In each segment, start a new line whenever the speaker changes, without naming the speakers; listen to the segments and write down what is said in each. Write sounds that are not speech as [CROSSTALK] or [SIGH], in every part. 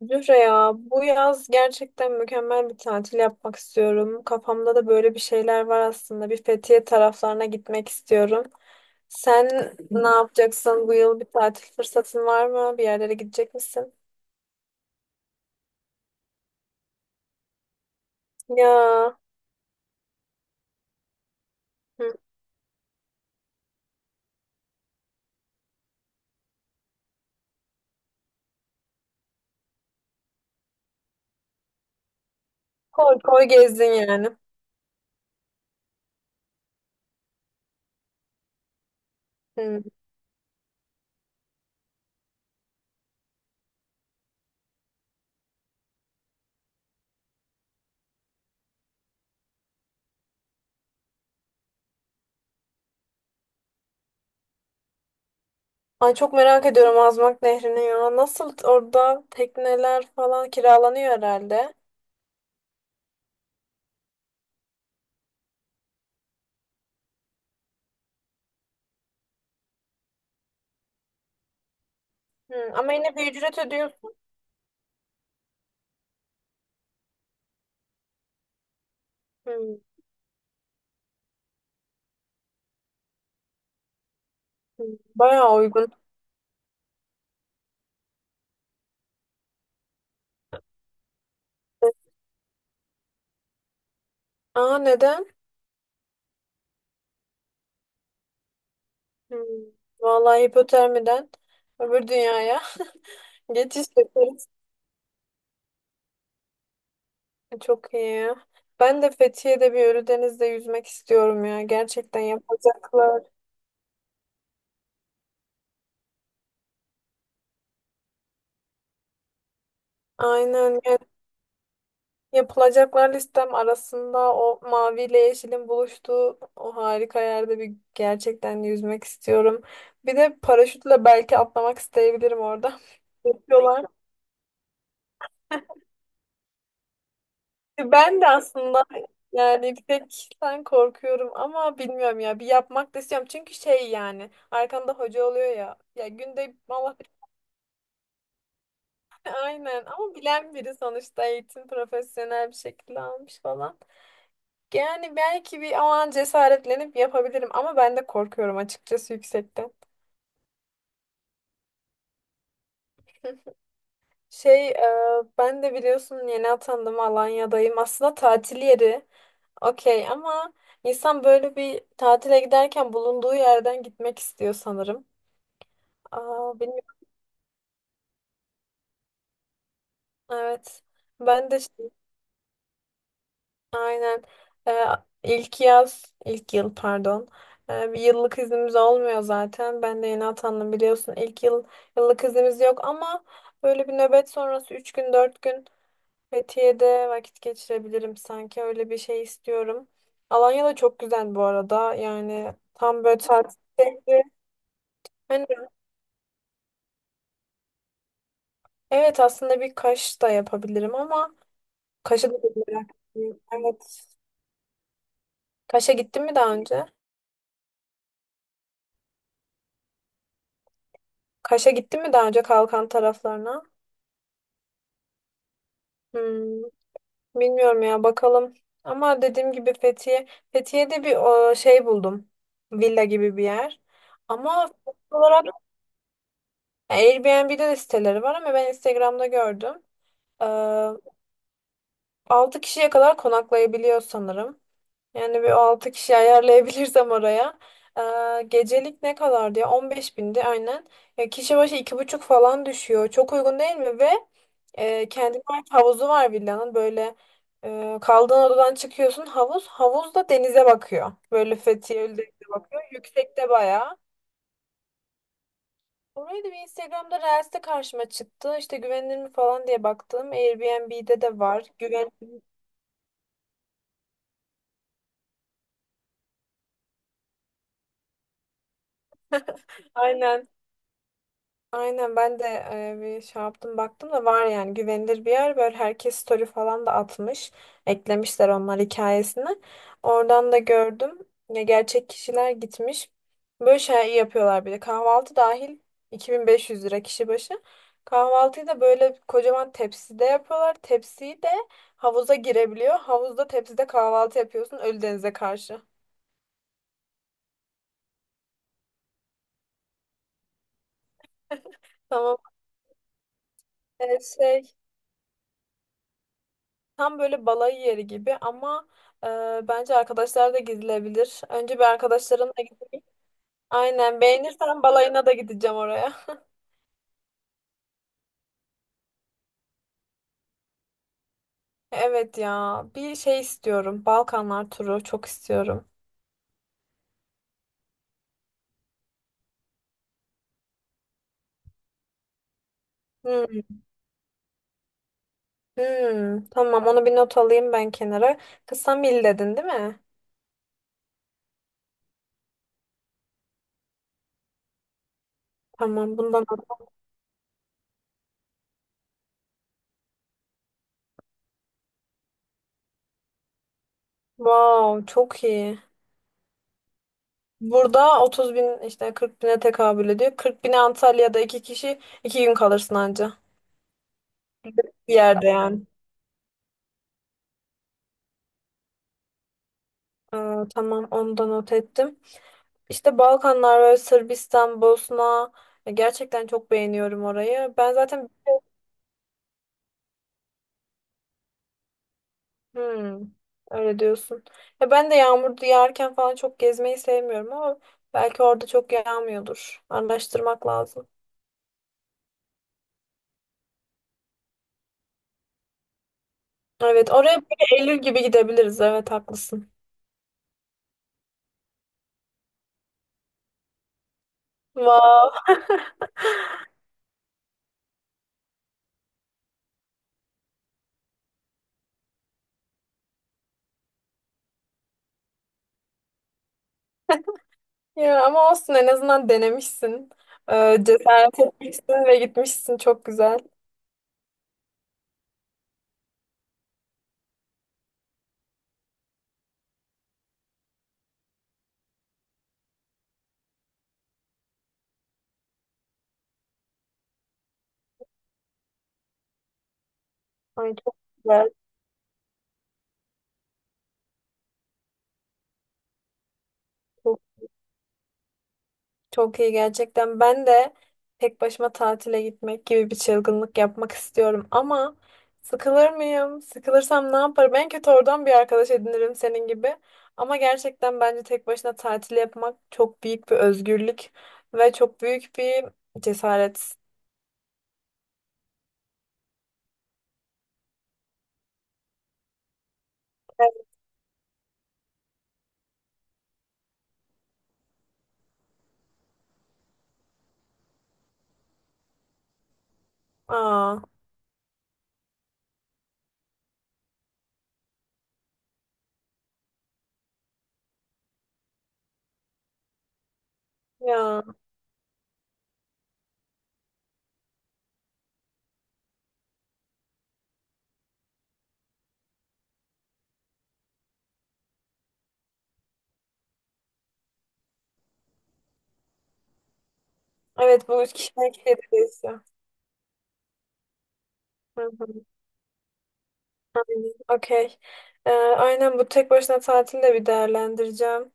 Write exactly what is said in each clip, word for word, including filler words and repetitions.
Zühre, ya bu yaz gerçekten mükemmel bir tatil yapmak istiyorum. Kafamda da böyle bir şeyler var aslında. Bir Fethiye taraflarına gitmek istiyorum. Sen ne yapacaksın bu yıl, bir tatil fırsatın var mı? Bir yerlere gidecek misin? Ya, hı. Koy koy gezdin yani. Hı. Ay, çok merak ediyorum Azmak Nehri'ni ya. Nasıl, orada tekneler falan kiralanıyor herhalde. Hı. Ama yine bir ücret ödüyorsun. Hı. Hı. Bayağı uygun. Aa, neden? Hmm. Vallahi hipotermiden öbür dünyaya [LAUGHS] geçiş yaparız. Çok iyi ya. Ben de Fethiye'de, bir Ölüdeniz'de yüzmek istiyorum ya. Gerçekten yapacaklar. Aynen yani, yapılacaklar listem arasında o maviyle yeşilin buluştuğu o harika yerde bir gerçekten yüzmek istiyorum. Bir de paraşütle belki atlamak isteyebilirim orada. [LAUGHS] Yapıyorlar. Ben de aslında yani bir tek korkuyorum ama bilmiyorum ya, bir yapmak da istiyorum. Çünkü şey yani, arkanda hoca oluyor ya. Ya günde Allah bilir [LAUGHS] aynen, ama bilen biri sonuçta eğitim profesyonel bir şekilde almış falan. Yani belki bir o an cesaretlenip yapabilirim, ama ben de korkuyorum açıkçası yüksekten. [LAUGHS] Şey e, ben de biliyorsun yeni atandım, Alanya'dayım. Aslında tatil yeri. Okey ama insan böyle bir tatile giderken bulunduğu yerden gitmek istiyor sanırım. Aa, bilmiyorum. Evet. Ben de şey, aynen Ee, ilk yaz, ilk yıl, pardon. Ee, bir yıllık iznimiz olmuyor zaten. Ben de yeni atandım biliyorsun. İlk yıl yıllık iznimiz yok, ama böyle bir nöbet sonrası üç gün dört gün Fethiye'de vakit geçirebilirim sanki. Öyle bir şey istiyorum. Alanya da çok güzel bu arada. Yani tam böyle tatil şehri. Evet, aslında bir kaş da yapabilirim, ama kaşa da bir merak ediyorum. Evet. Kaş'a gittin mi daha önce? Kaş'a gittin mi daha önce, Kalkan taraflarına? Hmm, Bilmiyorum ya, bakalım. Ama dediğim gibi Fethiye. Fethiye'de bir o, şey buldum. Villa gibi bir yer. Ama fiyat olarak Airbnb'de de siteleri var, ama ben Instagram'da gördüm. Ee, altı kişiye kadar konaklayabiliyor sanırım. Yani bir altı kişi ayarlayabilirsem oraya. Ee, gecelik ne kadar diye on beş bindi aynen. Ya kişi başı iki buçuk falan düşüyor. Çok uygun değil mi? Ve e, kendine ait havuzu var villanın. Böyle e, kaldığın odadan çıkıyorsun, havuz. Havuz da denize bakıyor. Böyle Fethiye Ölü denize bakıyor. Yüksekte bayağı. Orayı da bir Instagram'da Reels'te karşıma çıktı. İşte güvenilir mi falan diye baktım. Airbnb'de de var. Güven [LAUGHS] aynen, aynen, ben de e, bir şey yaptım, baktım da var yani, güvenilir bir yer. Böyle herkes story falan da atmış, eklemişler onlar hikayesini, oradan da gördüm, ya gerçek kişiler gitmiş, böyle şey yapıyorlar. Bir de kahvaltı dahil iki bin beş yüz lira kişi başı. Kahvaltıyı da böyle kocaman tepside yapıyorlar, tepsiyi de havuza girebiliyor, havuzda tepside kahvaltı yapıyorsun Ölüdeniz'e karşı. Tamam. Evet, şey tam böyle balayı yeri gibi, ama e, bence arkadaşlar da gidilebilir. Önce bir arkadaşlarımla gideyim. Aynen, beğenirsen balayına da gideceğim oraya. [LAUGHS] Evet ya, bir şey istiyorum. Balkanlar turu çok istiyorum. Hmm, hmm. Tamam, onu bir not alayım ben kenara. Kısa mil dedin değil mi? Tamam, bundan not. Wow, çok iyi. Burada otuz bin işte kırk bine tekabül ediyor. kırk bine Antalya'da iki kişi iki gün kalırsın anca. Bir yerde yani. Aa, tamam, onu da not ettim. İşte Balkanlar ve Sırbistan, Bosna, ya gerçekten çok beğeniyorum orayı. Ben zaten hmm, öyle diyorsun. Ya ben de yağmur yağarken falan çok gezmeyi sevmiyorum, ama belki orada çok yağmıyordur. Araştırmak lazım. Evet, oraya böyle Eylül gibi gidebiliriz. Evet, haklısın. Wow. Ya ama olsun, en azından denemişsin. Ee, cesaret etmişsin ve gitmişsin. Çok güzel. Ay, çok güzel. Çok iyi gerçekten. Ben de tek başıma tatile gitmek gibi bir çılgınlık yapmak istiyorum, ama sıkılır mıyım? Sıkılırsam ne yaparım? En kötü oradan bir arkadaş edinirim senin gibi. Ama gerçekten bence tek başına tatil yapmak çok büyük bir özgürlük ve çok büyük bir cesaret. Aa, ya. Evet, bu üç kişiden kişiye de değişiyor. Hı hı. Aynen. Okey. Ee, aynen, bu tek başına tatili de bir değerlendireceğim.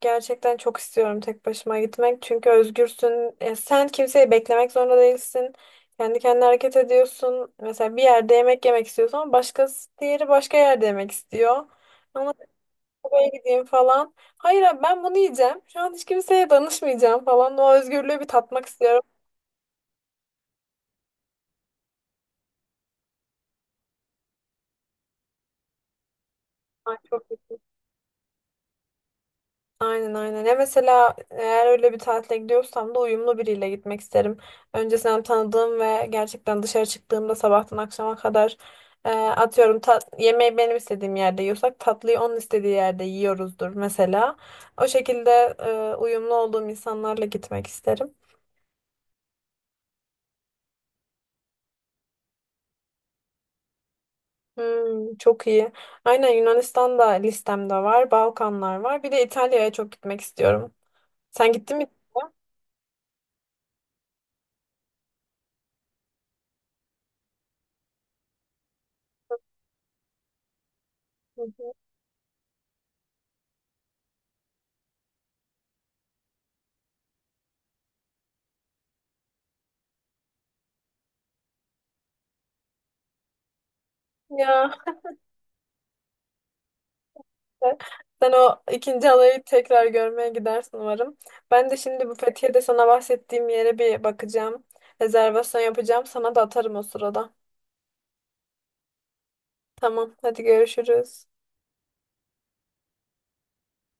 Gerçekten çok istiyorum tek başıma gitmek. Çünkü özgürsün. E, sen kimseyi beklemek zorunda değilsin. Kendi kendine hareket ediyorsun. Mesela bir yerde yemek yemek istiyorsun, ama başkası, diğeri, başka yerde yemek istiyor. Ama buraya gideyim falan. Hayır abi, ben bunu yiyeceğim. Şu an hiç kimseye danışmayacağım falan. O özgürlüğü bir tatmak istiyorum. Ay, çok. Aynen, aynen. Ya mesela eğer öyle bir tatile gidiyorsam da uyumlu biriyle gitmek isterim. Öncesinden tanıdığım ve gerçekten dışarı çıktığımda sabahtan akşama kadar e, atıyorum, tat, yemeği benim istediğim yerde yiyorsak, tatlıyı onun istediği yerde yiyoruzdur mesela. O şekilde e, uyumlu olduğum insanlarla gitmek isterim. Hmm, çok iyi. Aynen, Yunanistan da listemde var. Balkanlar var. Bir de İtalya'ya çok gitmek istiyorum. Sen gittin mi? Hı hı. Ya, sen o ikinci halayı tekrar görmeye gidersin umarım. Ben de şimdi bu Fethiye'de sana bahsettiğim yere bir bakacağım. Rezervasyon yapacağım. Sana da atarım o sırada. Tamam, hadi görüşürüz.